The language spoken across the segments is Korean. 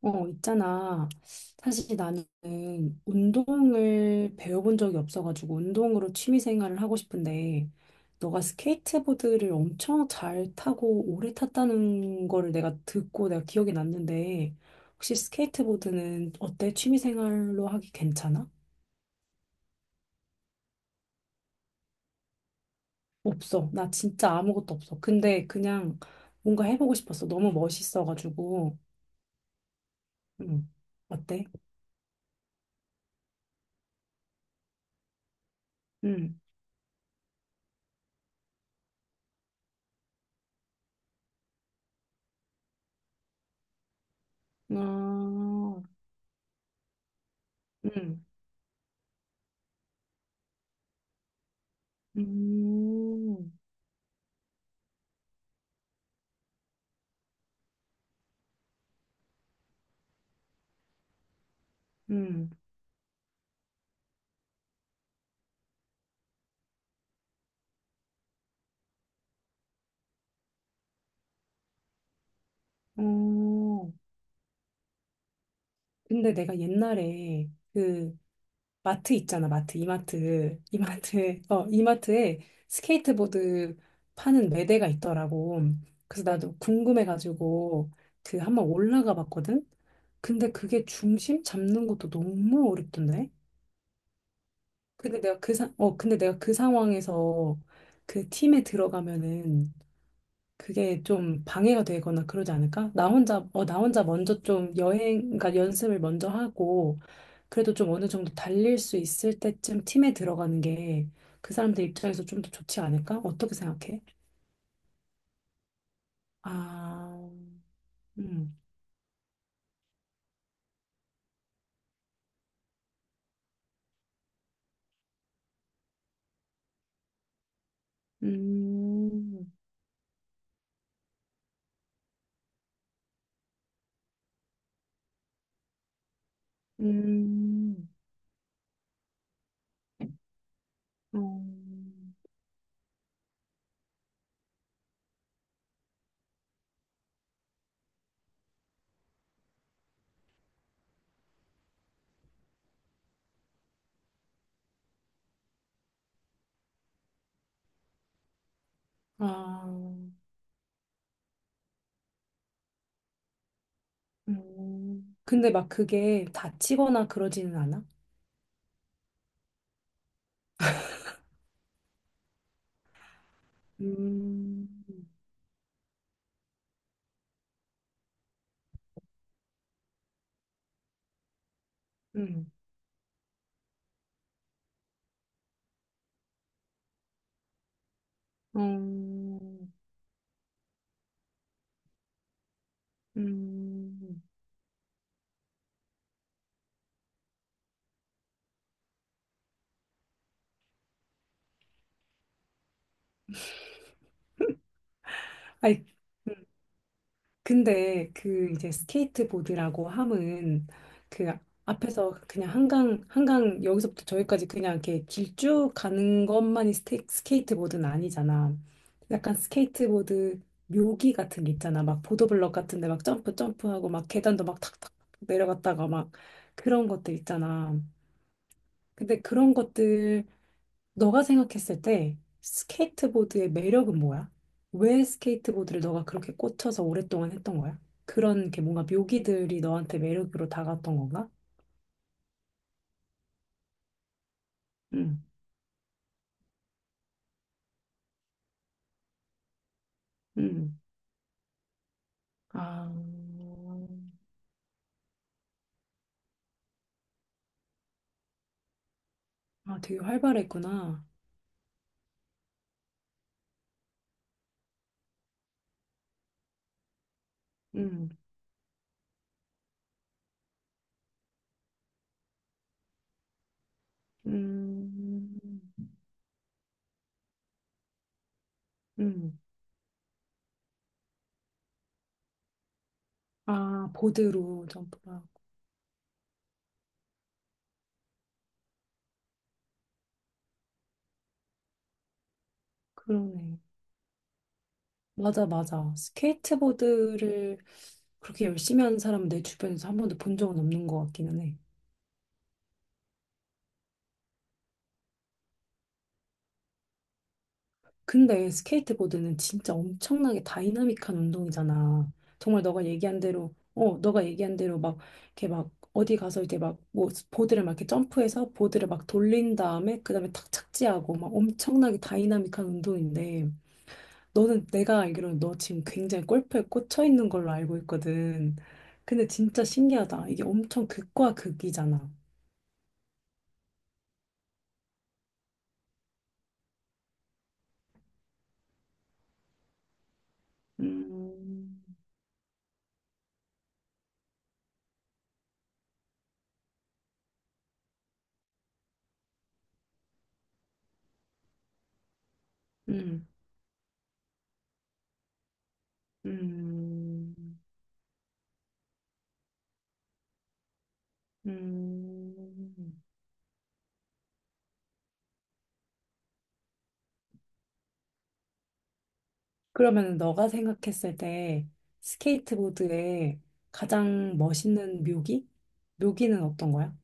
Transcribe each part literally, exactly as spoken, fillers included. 어, 있잖아. 사실 나는 운동을 배워본 적이 없어가지고 운동으로 취미 생활을 하고 싶은데 너가 스케이트보드를 엄청 잘 타고 오래 탔다는 거를 내가 듣고 내가 기억이 났는데 혹시 스케이트보드는 어때? 취미 생활로 하기 괜찮아? 없어. 나 진짜 아무것도 없어. 근데 그냥 뭔가 해보고 싶었어. 너무 멋있어가지고. 응. 어때? 응. 아, 응. 음. 음, 어, 근데 내가 옛날에 그 마트 있잖아, 마트, 이마트, 이마트, 어, 이마트에 스케이트보드 파는 매대가 있더라고. 그래서 나도 궁금해가지고 그 한번 올라가 봤거든? 근데 그게 중심 잡는 것도 너무 어렵던데? 근데 내가 그 사, 어, 근데 내가 그 상황에서 그 팀에 들어가면은 그게 좀 방해가 되거나 그러지 않을까? 나 혼자, 어, 나 혼자 먼저 좀 여행, 그러니까 연습을 먼저 하고, 그래도 좀 어느 정도 달릴 수 있을 때쯤 팀에 들어가는 게 그 사람들 입장에서 좀 더 좋지 않을까? 어떻게 생각해? 아, 음, 음, 음, 음, 아, 음. 근데 막 그게 다치거나 그러지는 않아? 음, 음, 음, 음. 아니, 음, 근데 그 이제 스케이트보드라고 함은 그 앞에서 그냥 한강, 한강 여기서부터 저기까지 그냥 이렇게 길쭉 가는 것만이 스테, 스케이트보드는 아니잖아. 약간 스케이트보드 묘기 같은 게 있잖아. 막 보도블럭 같은 데 막 점프 점프하고 막 계단도 막 탁탁 내려갔다가 막 그런 것들 있잖아. 근데 그런 것들 너가 생각했을 때 스케이트보드의 매력은 뭐야? 왜 스케이트보드를 너가 그렇게 꽂혀서 오랫동안 했던 거야? 그런 게 뭔가 묘기들이 너한테 매력으로 다가왔던 건가? 응, 응. 아, 아, 되게 활발했구나. 응, 음, 응. 아, 보드로 점프하고. 그러네. 맞아, 맞아. 스케이트보드를 그렇게 열심히 하는 사람은 내 주변에서 한 번도 본 적은 없는 것 같기는 해. 근데 스케이트보드는 진짜 엄청나게 다이나믹한 운동이잖아. 정말 너가 얘기한 대로, 어, 너가 얘기한 대로 막, 이렇게 막, 어디 가서 이렇게 막, 뭐, 보드를 막 이렇게 점프해서 보드를 막 돌린 다음에, 그 다음에 탁 착지하고, 막 엄청나게 다이나믹한 운동인데, 너는 내가 알기로는 너 지금 굉장히 골프에 꽂혀 있는 걸로 알고 있거든. 근데 진짜 신기하다. 이게 엄청 극과 극이잖아. 음, 음, 음, 음. 그러면 너가 생각했을 때 스케이트보드의 가장 멋있는 묘기? 묘기는 어떤 거야?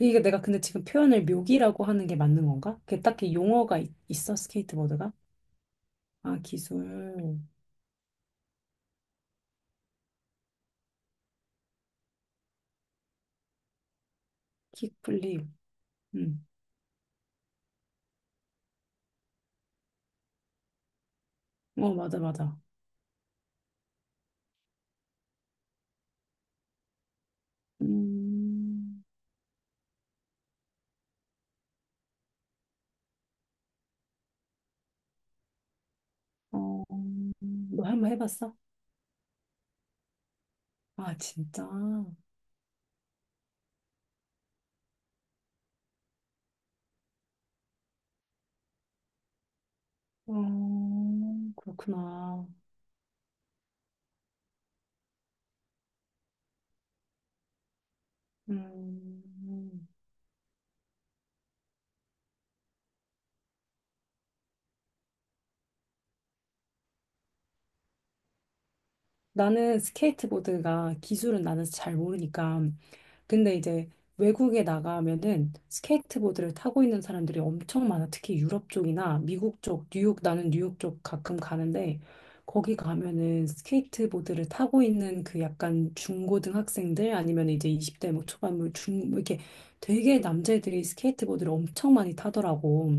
이게 내가 근데 지금 표현을 묘기라고 하는 게 맞는 건가? 그게 딱히 용어가 있, 있어, 스케이트보드가? 아, 기술, 킥플립. 음. 어, 맞아, 맞아. 음, 어, 너 한번 해봤어? 아, 진짜? 어, 그렇구나. 음. 음. 나는 스케이트보드가 기술은 나는 잘 모르니까 근데 이제 외국에 나가면은 스케이트보드를 타고 있는 사람들이 엄청 많아. 특히 유럽 쪽이나 미국 쪽, 뉴욕, 나는 뉴욕 쪽 가끔 가는데 거기 가면은 스케이트보드를 타고 있는 그 약간 중고등학생들 아니면 이제 이십 대 뭐 초반 뭐 중, 뭐 이렇게 되게 남자애들이 스케이트보드를 엄청 많이 타더라고.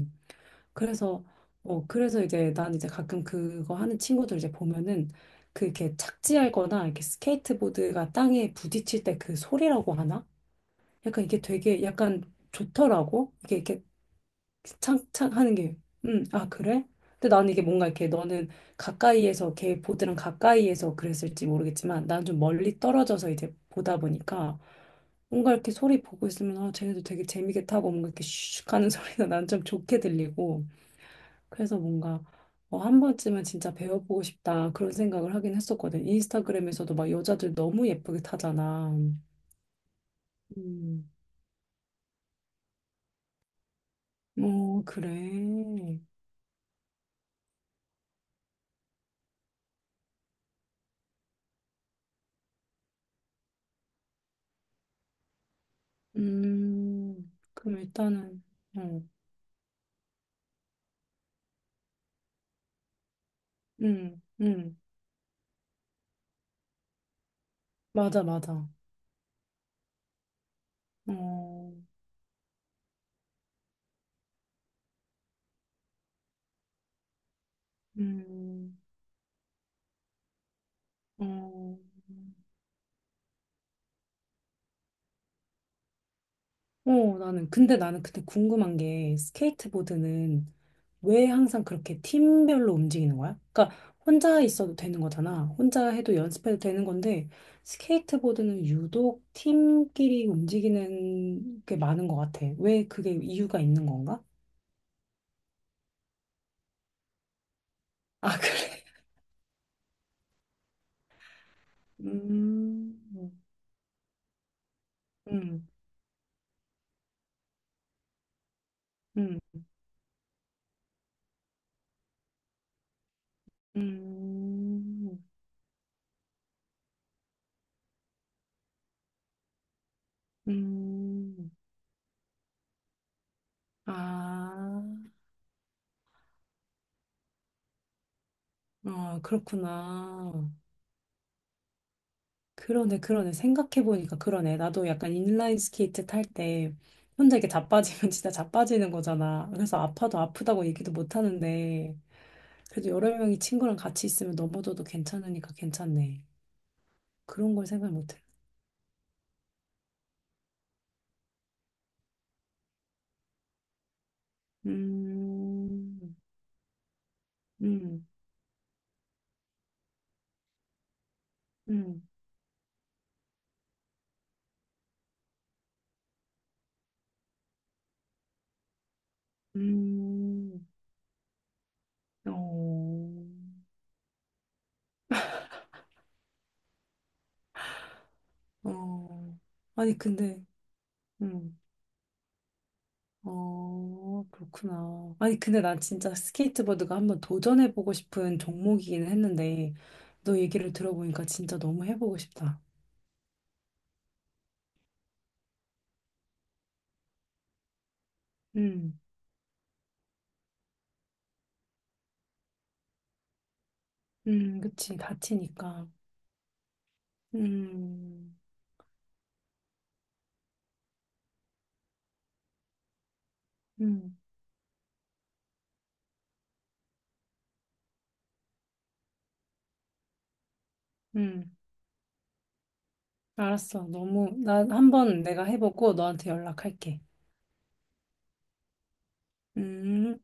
그래서 어, 그래서 이제 난 이제 가끔 그거 하는 친구들 이제 보면은 그 이렇게 착지하거나 이렇게 스케이트보드가 땅에 부딪힐 때 그 소리라고 하나? 약간 이게 되게 약간 좋더라고. 이게 이렇게 창창 하는 게, 음, 아, 그래? 근데 나는 이게 뭔가 이렇게 너는 가까이에서 걔 보드랑 가까이에서 그랬을지 모르겠지만 난 좀 멀리 떨어져서 이제 보다 보니까 뭔가 이렇게 소리 보고 있으면 아, 쟤네도 되게 재미있게 타고 뭔가 이렇게 슉 하는 소리가 난 좀 좋게 들리고 그래서 뭔가 어, 한 번쯤은 진짜 배워보고 싶다 그런 생각을 하긴 했었거든. 인스타그램에서도 막 여자들 너무 예쁘게 타잖아. 음. 어, 그래. 음, 그럼 일단은, 어, 음, 음, 맞아, 맞아. 어, 음, 어, 어, 나는, 근데 나는 그때 궁금한 게, 스케이트보드는 왜 항상 그렇게 팀별로 움직이는 거야? 그러니까, 혼자 있어도 되는 거잖아. 혼자 해도 연습해도 되는 건데, 스케이트보드는 유독 팀끼리 움직이는 게 많은 것 같아. 왜 그게 이유가 있는 건가? 아, 그래. 음, 음, 음. 음, 음, 아, 어, 그렇구나. 그러네, 그러네. 생각해보니까 그러네. 나도 약간 인라인 스케이트 탈 때 혼자 이렇게 자빠지면 진짜 자빠지는 거잖아. 그래서 아파도 아프다고 얘기도 못 하는데, 그래도 여러 명이 친구랑 같이 있으면 넘어져도 괜찮으니까 괜찮네. 그런 걸 생각 못 해. 음, 음, 음, 음, 어, 어. 아니, 근데, 음. 어, 그렇구나. 아니, 근데 난 진짜 스케이트보드가 한번 도전해보고 싶은 종목이긴 했는데, 너 얘기를 들어보니까 진짜 너무 해보고 싶다. 음, 음, 그치. 다치니까. 음, 음, 음. 알았어. 너무, 나 한번 내가 해보고 너한테 연락할게. 음.